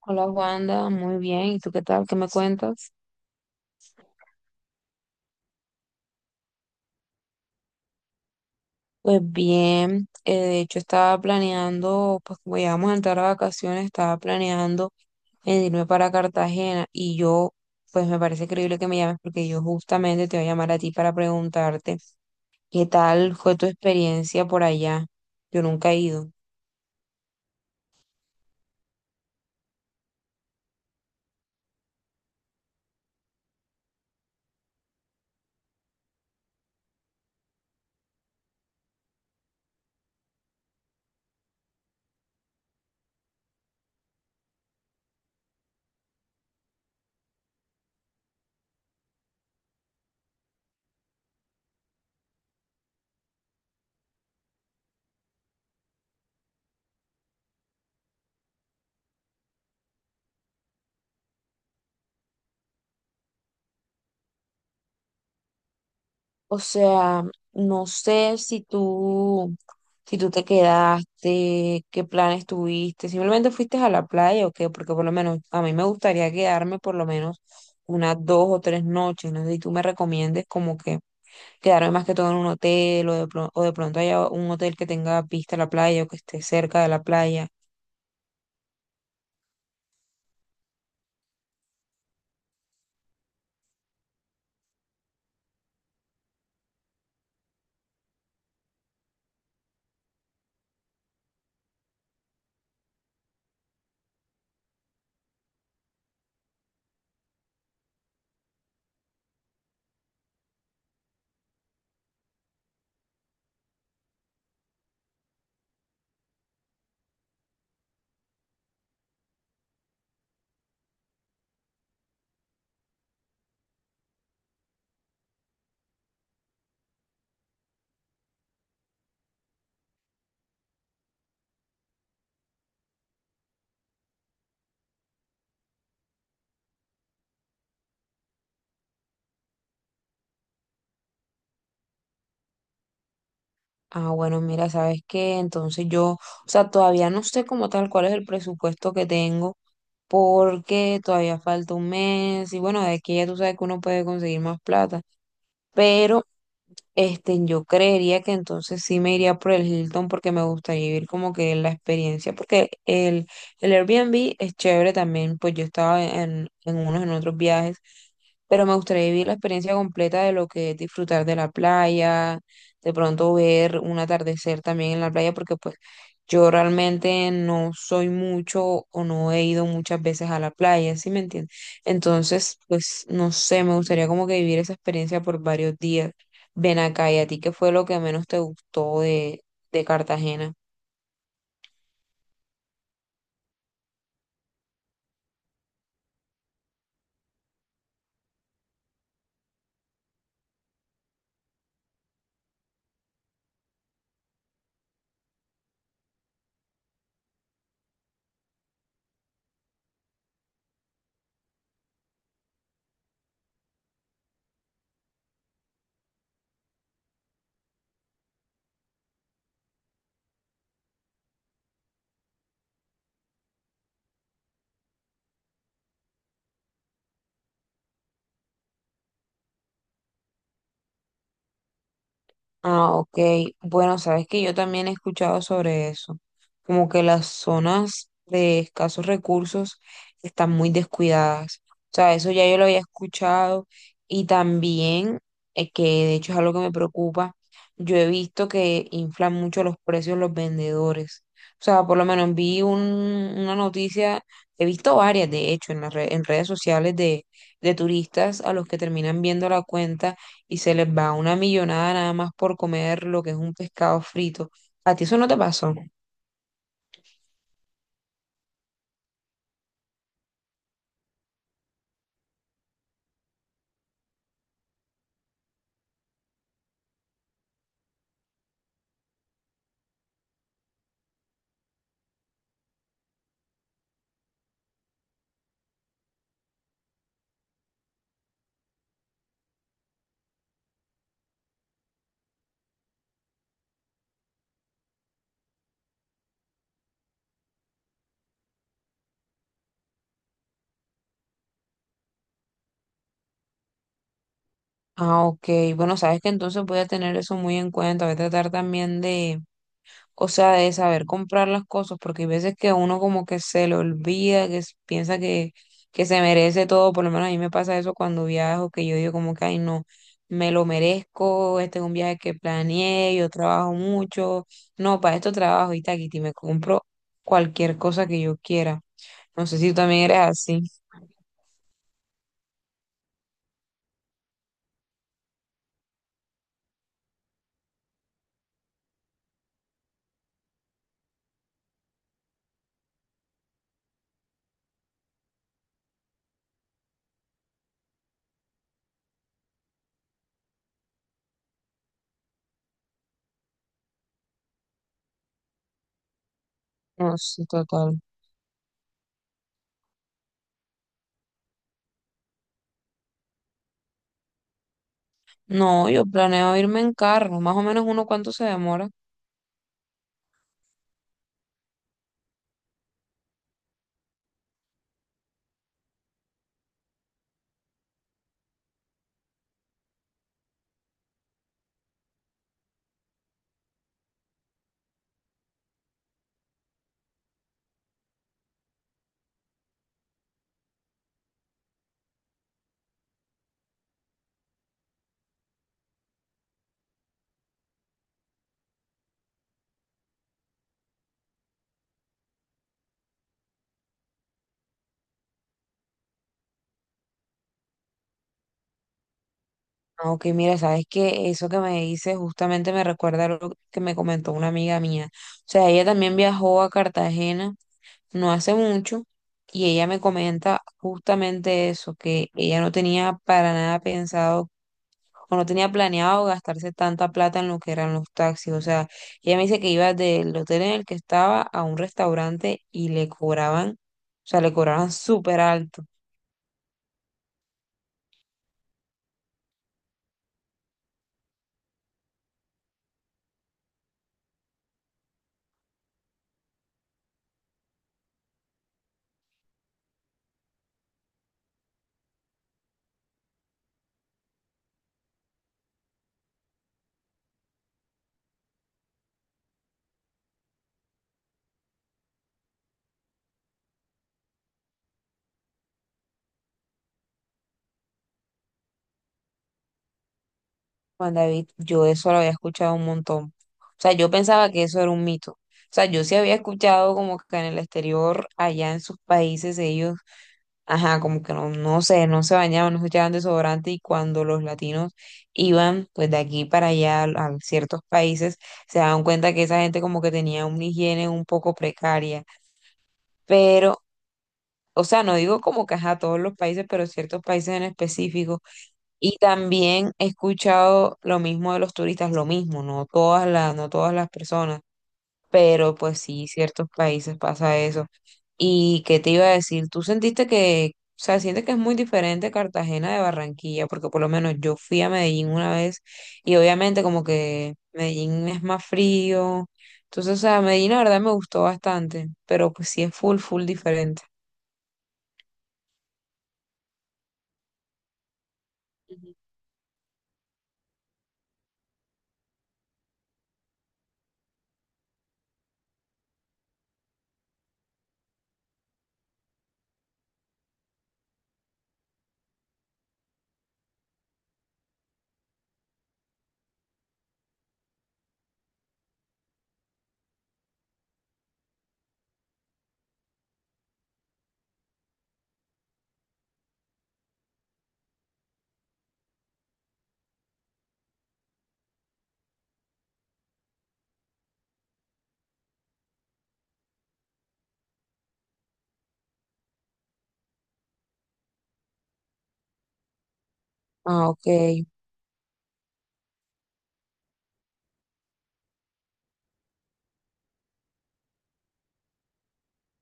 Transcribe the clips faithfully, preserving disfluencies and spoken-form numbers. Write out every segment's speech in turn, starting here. Hola Wanda, muy bien. ¿Y tú qué tal? ¿Qué me cuentas? Pues bien, eh, de hecho estaba planeando, pues como ya vamos a entrar a vacaciones, estaba planeando en irme para Cartagena y yo, pues me parece increíble que me llames porque yo justamente te voy a llamar a ti para preguntarte qué tal fue tu experiencia por allá. Yo nunca he ido. O sea, no sé si tú, si tú te quedaste, qué planes tuviste, simplemente fuiste a la playa o qué, porque por lo menos a mí me gustaría quedarme por lo menos unas dos o tres noches, no sé si tú me recomiendes como que quedarme más que todo en un hotel o de, pro- o de pronto haya un hotel que tenga vista a la playa o que esté cerca de la playa. Ah, bueno, mira, ¿sabes qué? Entonces yo, o sea, todavía no sé como tal cuál es el presupuesto que tengo, porque todavía falta un mes y bueno, de aquí ya tú sabes que uno puede conseguir más plata, pero este, yo creería que entonces sí me iría por el Hilton porque me gustaría vivir como que la experiencia, porque el, el Airbnb es chévere también, pues yo estaba en, en unos, en otros viajes, pero me gustaría vivir la experiencia completa de lo que es disfrutar de la playa, de pronto ver un atardecer también en la playa, porque pues yo realmente no soy mucho o no he ido muchas veces a la playa, ¿sí me entiendes? Entonces, pues no sé, me gustaría como que vivir esa experiencia por varios días. Ven acá, ¿y a ti qué fue lo que menos te gustó de, de Cartagena? Ah, ok. Bueno, sabes que yo también he escuchado sobre eso, como que las zonas de escasos recursos están muy descuidadas. O sea, eso ya yo lo había escuchado y también, eh, que de hecho es algo que me preocupa, yo he visto que inflan mucho los precios los vendedores. O sea, por lo menos vi un- una noticia, he visto varias de hecho en las re- en redes sociales de, de turistas a los que terminan viendo la cuenta y se les va una millonada nada más por comer lo que es un pescado frito. ¿A ti eso no te pasó? Ah, ok. Bueno, sabes que entonces voy a tener eso muy en cuenta. Voy a tratar también de, o sea, de saber comprar las cosas, porque hay veces que uno como que se le olvida, que s- piensa que, que se merece todo. Por lo menos a mí me pasa eso cuando viajo, que yo digo como que, ay, no, me lo merezco, este es un viaje que planeé, yo trabajo mucho. No, para esto trabajo y taquiti, me compro cualquier cosa que yo quiera. No sé si tú también eres así. No, sí, total. No, yo planeo irme en carro. Más o menos uno cuánto se demora. Ah, ok, mira, sabes que eso que me dices justamente me recuerda lo que me comentó una amiga mía. O sea, ella también viajó a Cartagena no hace mucho y ella me comenta justamente eso, que ella no tenía para nada pensado o no tenía planeado gastarse tanta plata en lo que eran los taxis. O sea, ella me dice que iba del hotel en el que estaba a un restaurante y le cobraban, o sea, le cobraban súper alto. Juan David, yo eso lo había escuchado un montón. O sea, yo pensaba que eso era un mito. O sea, yo sí había escuchado como que en el exterior, allá en sus países, ellos ajá, como que no, no sé, no se bañaban, no se echaban desodorante y cuando los latinos iban pues de aquí para allá al- a ciertos países, se daban cuenta que esa gente como que tenía una higiene un poco precaria, pero, o sea, no digo como que ajá, todos los países, pero ciertos países en específico. Y también he escuchado lo mismo de los turistas, lo mismo, no todas las, no todas las personas, pero pues sí, ciertos países pasa eso. ¿Y qué te iba a decir? ¿Tú sentiste que, o sea, sientes que es muy diferente Cartagena de Barranquilla? Porque por lo menos yo fui a Medellín una vez y obviamente como que Medellín es más frío. Entonces, o sea, Medellín la verdad me gustó bastante, pero pues sí es full, full diferente. Ujú. Ah, ok.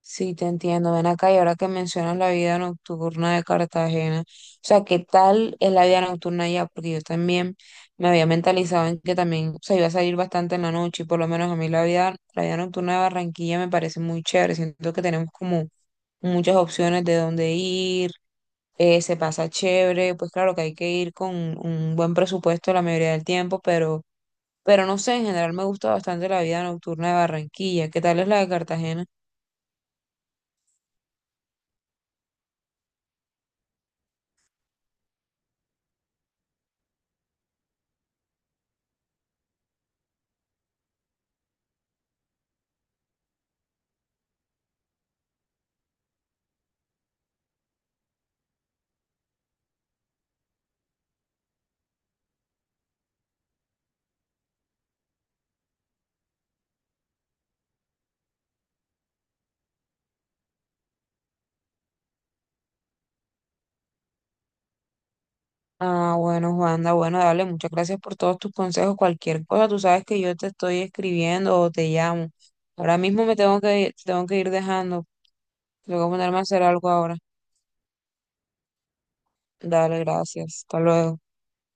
Sí, te entiendo. Ven acá y ahora que mencionas la vida nocturna de Cartagena, o sea, ¿qué tal es la vida nocturna allá? Porque yo también me había mentalizado en que también, o sea, iba a salir bastante en la noche y por lo menos a mí la vida, la vida nocturna de Barranquilla me parece muy chévere. Siento que tenemos como muchas opciones de dónde ir, eh, se pasa chévere, pues claro que hay que ir con un buen presupuesto la mayoría del tiempo, pero, pero no sé, en general me gusta bastante la vida nocturna de Barranquilla. ¿Qué tal es la de Cartagena? Ah, bueno, Juanda, bueno, dale, muchas gracias por todos tus consejos. Cualquier cosa, tú sabes que yo te estoy escribiendo o te llamo. Ahora mismo me tengo que, ir, tengo que ir dejando. Tengo que ponerme a hacer algo ahora. Dale, gracias. Hasta luego.